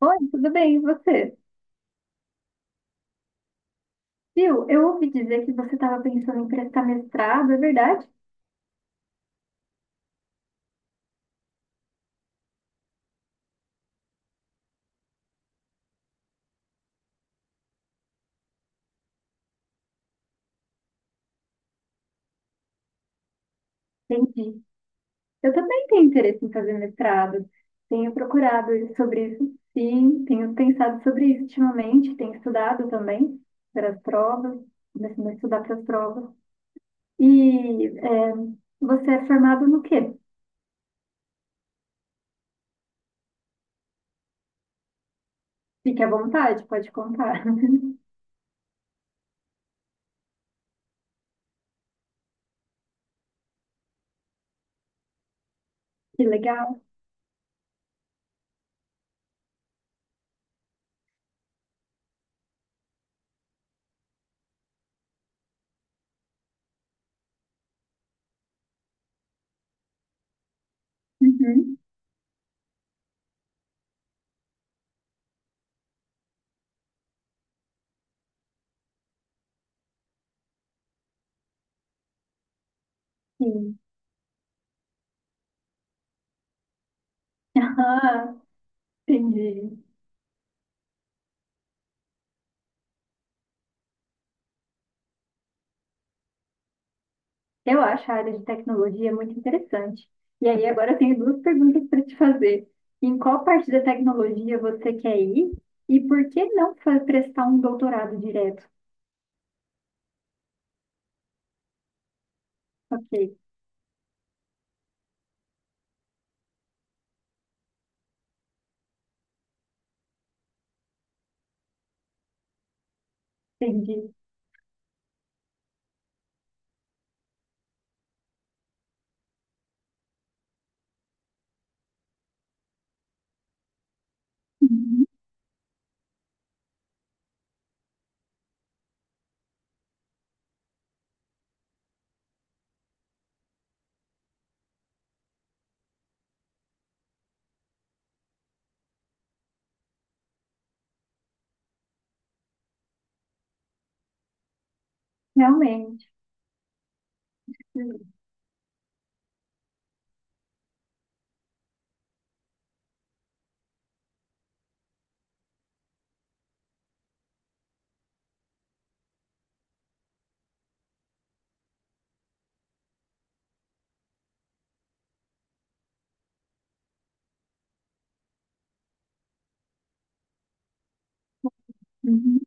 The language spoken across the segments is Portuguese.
Oi, tudo bem? E você? Viu, eu ouvi dizer que você estava pensando em prestar mestrado, é verdade? Entendi. Eu também tenho interesse em fazer mestrado. Tenho procurado sobre isso, sim. Tenho pensado sobre isso ultimamente. Tenho estudado também para as provas. Começando a estudar para as provas. E é, você é formado no quê? Fique à vontade, pode contar. Que legal. Uhum, sim. Ah, entendi. Eu acho a área de tecnologia muito interessante. E aí, agora eu tenho duas perguntas para te fazer. Em qual parte da tecnologia você quer ir? E por que não fa- prestar um doutorado direto? Ok, entendi. Uhum. Realmente. Uhum.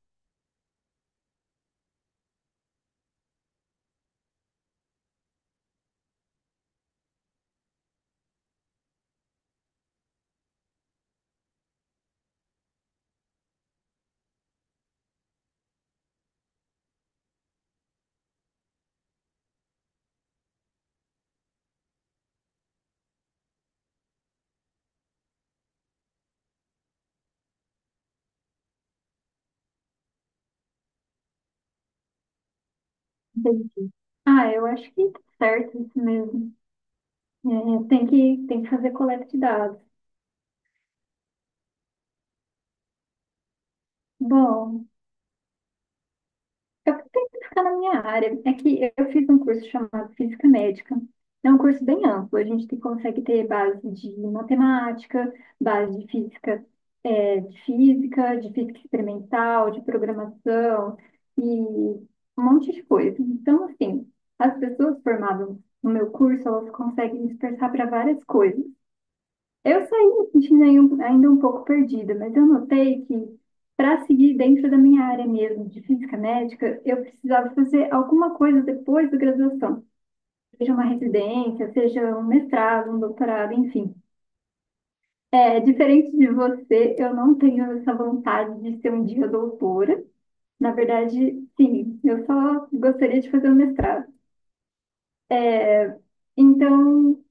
Entendi. Ah, eu acho que tá certo isso mesmo. É, tem que fazer coleta de dados. Bom, eu tento ficar na minha área. É que eu fiz um curso chamado Física Médica. É um curso bem amplo. A gente consegue ter base de matemática, base de física, de física experimental, de programação e um monte de coisa. Então, assim, as pessoas formadas no meu curso, elas conseguem dispersar para várias coisas. Eu saí me sentindo aí ainda um pouco perdida, mas eu notei que para seguir dentro da minha área mesmo de física médica, eu precisava fazer alguma coisa depois da graduação, seja uma residência, seja um mestrado, um doutorado, enfim. É, diferente de você, eu não tenho essa vontade de ser um dia doutora. Na verdade, sim, eu só gostaria de fazer um mestrado. É, então,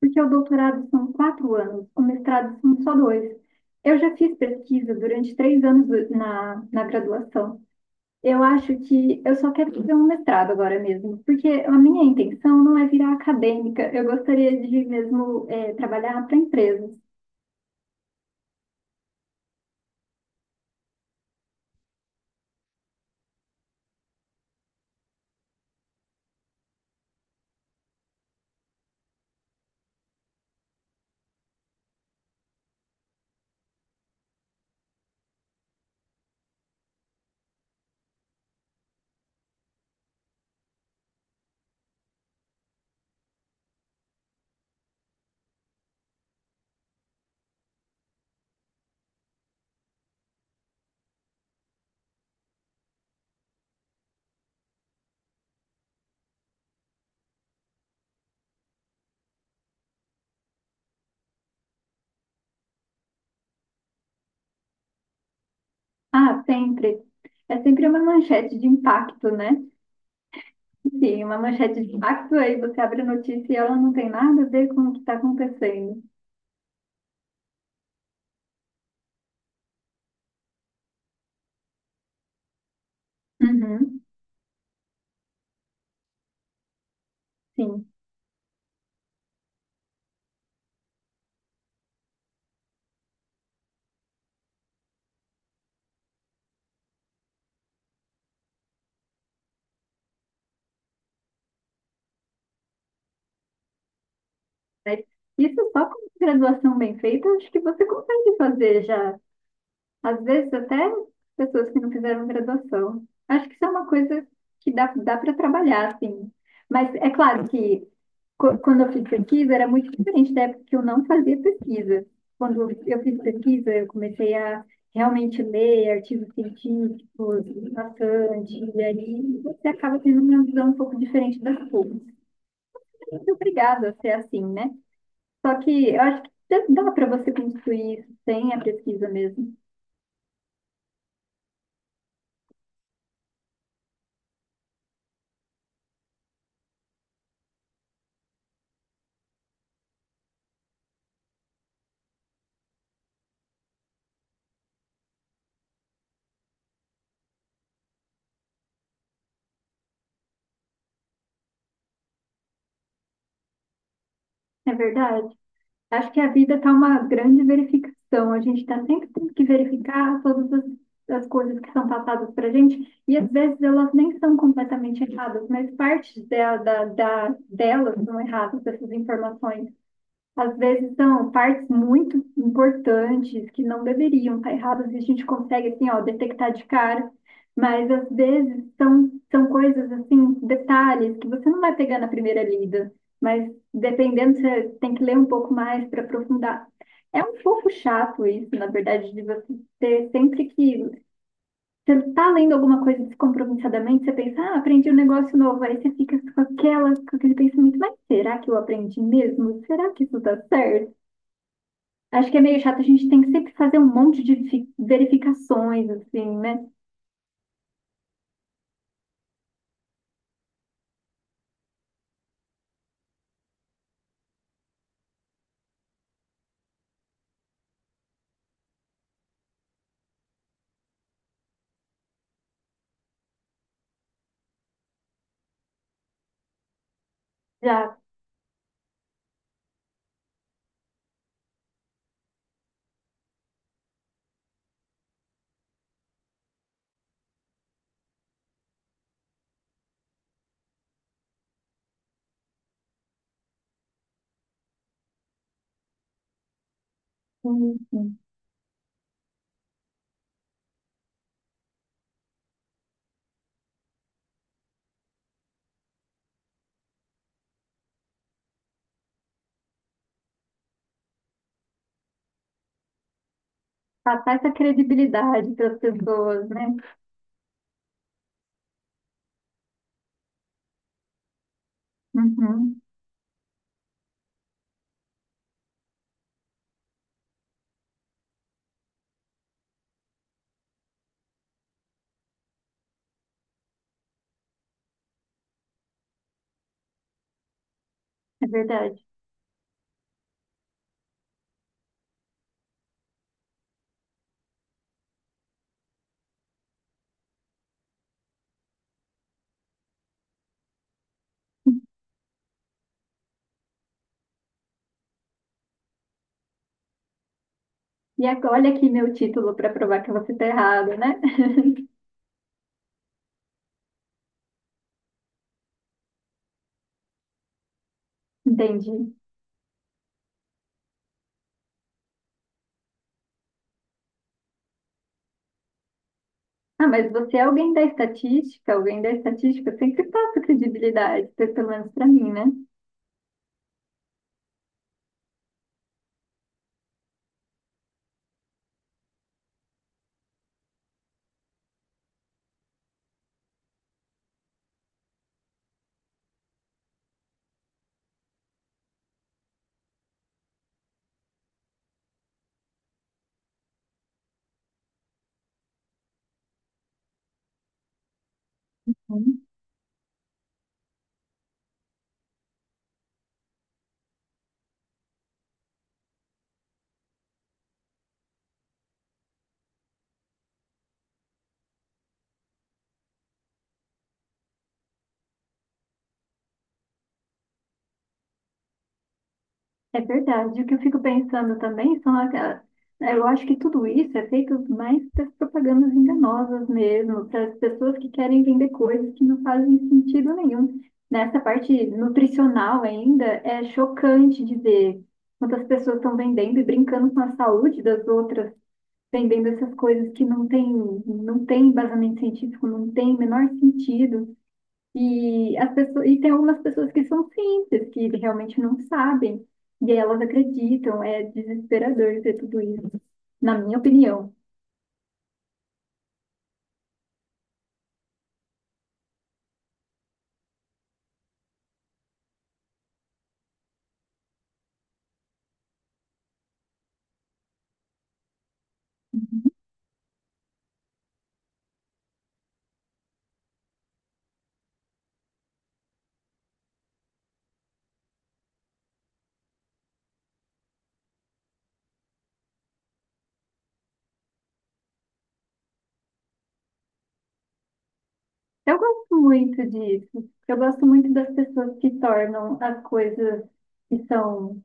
porque o doutorado são 4 anos, o mestrado são só dois. Eu já fiz pesquisa durante 3 anos na graduação. Eu acho que eu só quero fazer um mestrado agora mesmo, porque a minha intenção não é virar acadêmica, eu gostaria de mesmo trabalhar para empresas. Ah, sempre. É sempre uma manchete de impacto, né? Sim, uma manchete de impacto, aí você abre a notícia e ela não tem nada a ver com o que está acontecendo. Uhum, sim. Mas isso só com graduação bem feita, acho que você consegue fazer já. Às vezes até pessoas que não fizeram graduação. Acho que isso é uma coisa que dá para trabalhar, assim. Mas é claro que quando eu fiz pesquisa era muito diferente da época que eu não fazia pesquisa. Quando eu fiz pesquisa, eu comecei a realmente ler artigos científicos bastante, e aí você acaba tendo uma visão um pouco diferente das coisas. Você é obrigado a ser assim, né? Só que eu acho que dá para você construir isso sem a pesquisa mesmo. É verdade. Acho que a vida está uma grande verificação. A gente está sempre tendo que verificar todas as coisas que são passadas para a gente. E às vezes elas nem são completamente erradas, mas partes delas são erradas, essas informações. Às vezes são partes muito importantes que não deveriam estar erradas e a gente consegue assim, ó, detectar de cara, mas às vezes são coisas assim, detalhes que você não vai pegar na primeira lida, mas dependendo, você tem que ler um pouco mais para aprofundar. É um pouco chato isso, na verdade, de você ter sempre que você está lendo alguma coisa descompromissadamente, você pensa, ah, aprendi um negócio novo, aí você fica com com aquele pensamento, mas será que eu aprendi mesmo? Será que isso está certo? Acho que é meio chato, a gente tem que sempre fazer um monte de verificações, assim, né? Já hum, hum, passar essa credibilidade para as pessoas, né? Uhum, é verdade. E agora, olha aqui meu título para provar que você está errado, né? Entendi. Ah, mas você é alguém da estatística sempre passa credibilidade, pelo menos para mim, né? Uhum. É verdade. O que eu fico pensando também são aquelas. Né, eu acho que tudo isso é feito mais para as propagandas enganosas mesmo, para as pessoas que querem vender coisas que não fazem sentido nenhum. Nessa parte nutricional ainda, é chocante de ver quantas pessoas estão vendendo e brincando com a saúde das outras, vendendo essas coisas que não tem embasamento científico, não tem o menor sentido. E, tem algumas pessoas que são simples, que realmente não sabem, e aí elas acreditam, é desesperador ver tudo isso, na minha opinião. Eu gosto muito disso, eu gosto muito das pessoas que tornam as coisas que são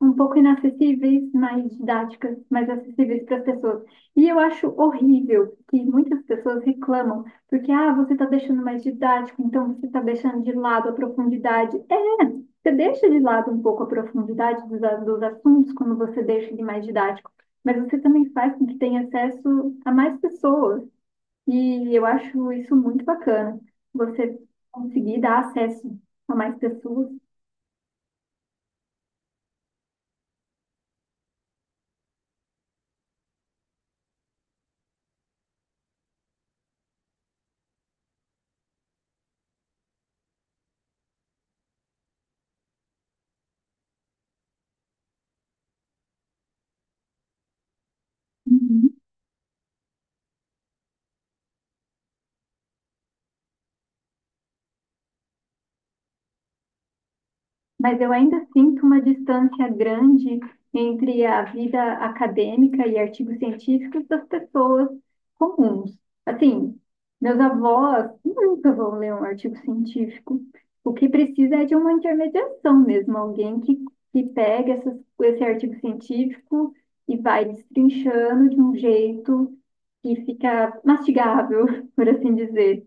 um pouco inacessíveis, mais didáticas, mais acessíveis para as pessoas. E eu acho horrível que muitas pessoas reclamam, porque, ah, você está deixando mais didático, então você está deixando de lado a profundidade. É, você deixa de lado um pouco a profundidade dos assuntos quando você deixa de mais didático, mas você também faz com que tenha acesso a mais pessoas. E eu acho isso muito bacana, você conseguir dar acesso a mais pessoas. Uhum. Mas eu ainda sinto uma distância grande entre a vida acadêmica e artigos científicos das pessoas comuns. Assim, meus avós nunca vão ler um artigo científico. O que precisa é de uma intermediação mesmo, que pega esse artigo científico e vai destrinchando de um jeito que fica mastigável, por assim dizer.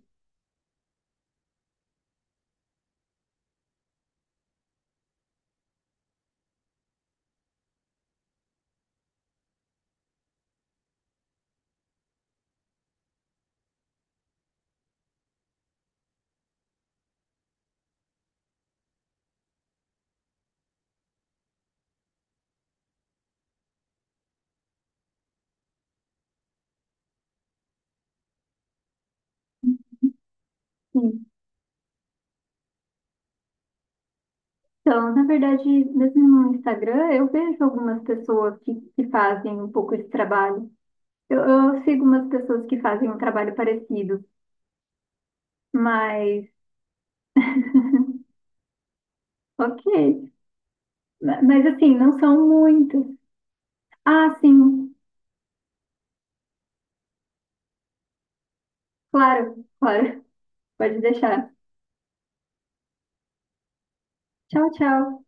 Então, na verdade, mesmo no Instagram, eu vejo algumas pessoas que fazem um pouco esse trabalho. Eu sigo umas pessoas que fazem um trabalho parecido, mas ok. Mas assim, não são muitas. Ah, sim, claro, claro. Pode deixar. Tchau, tchau.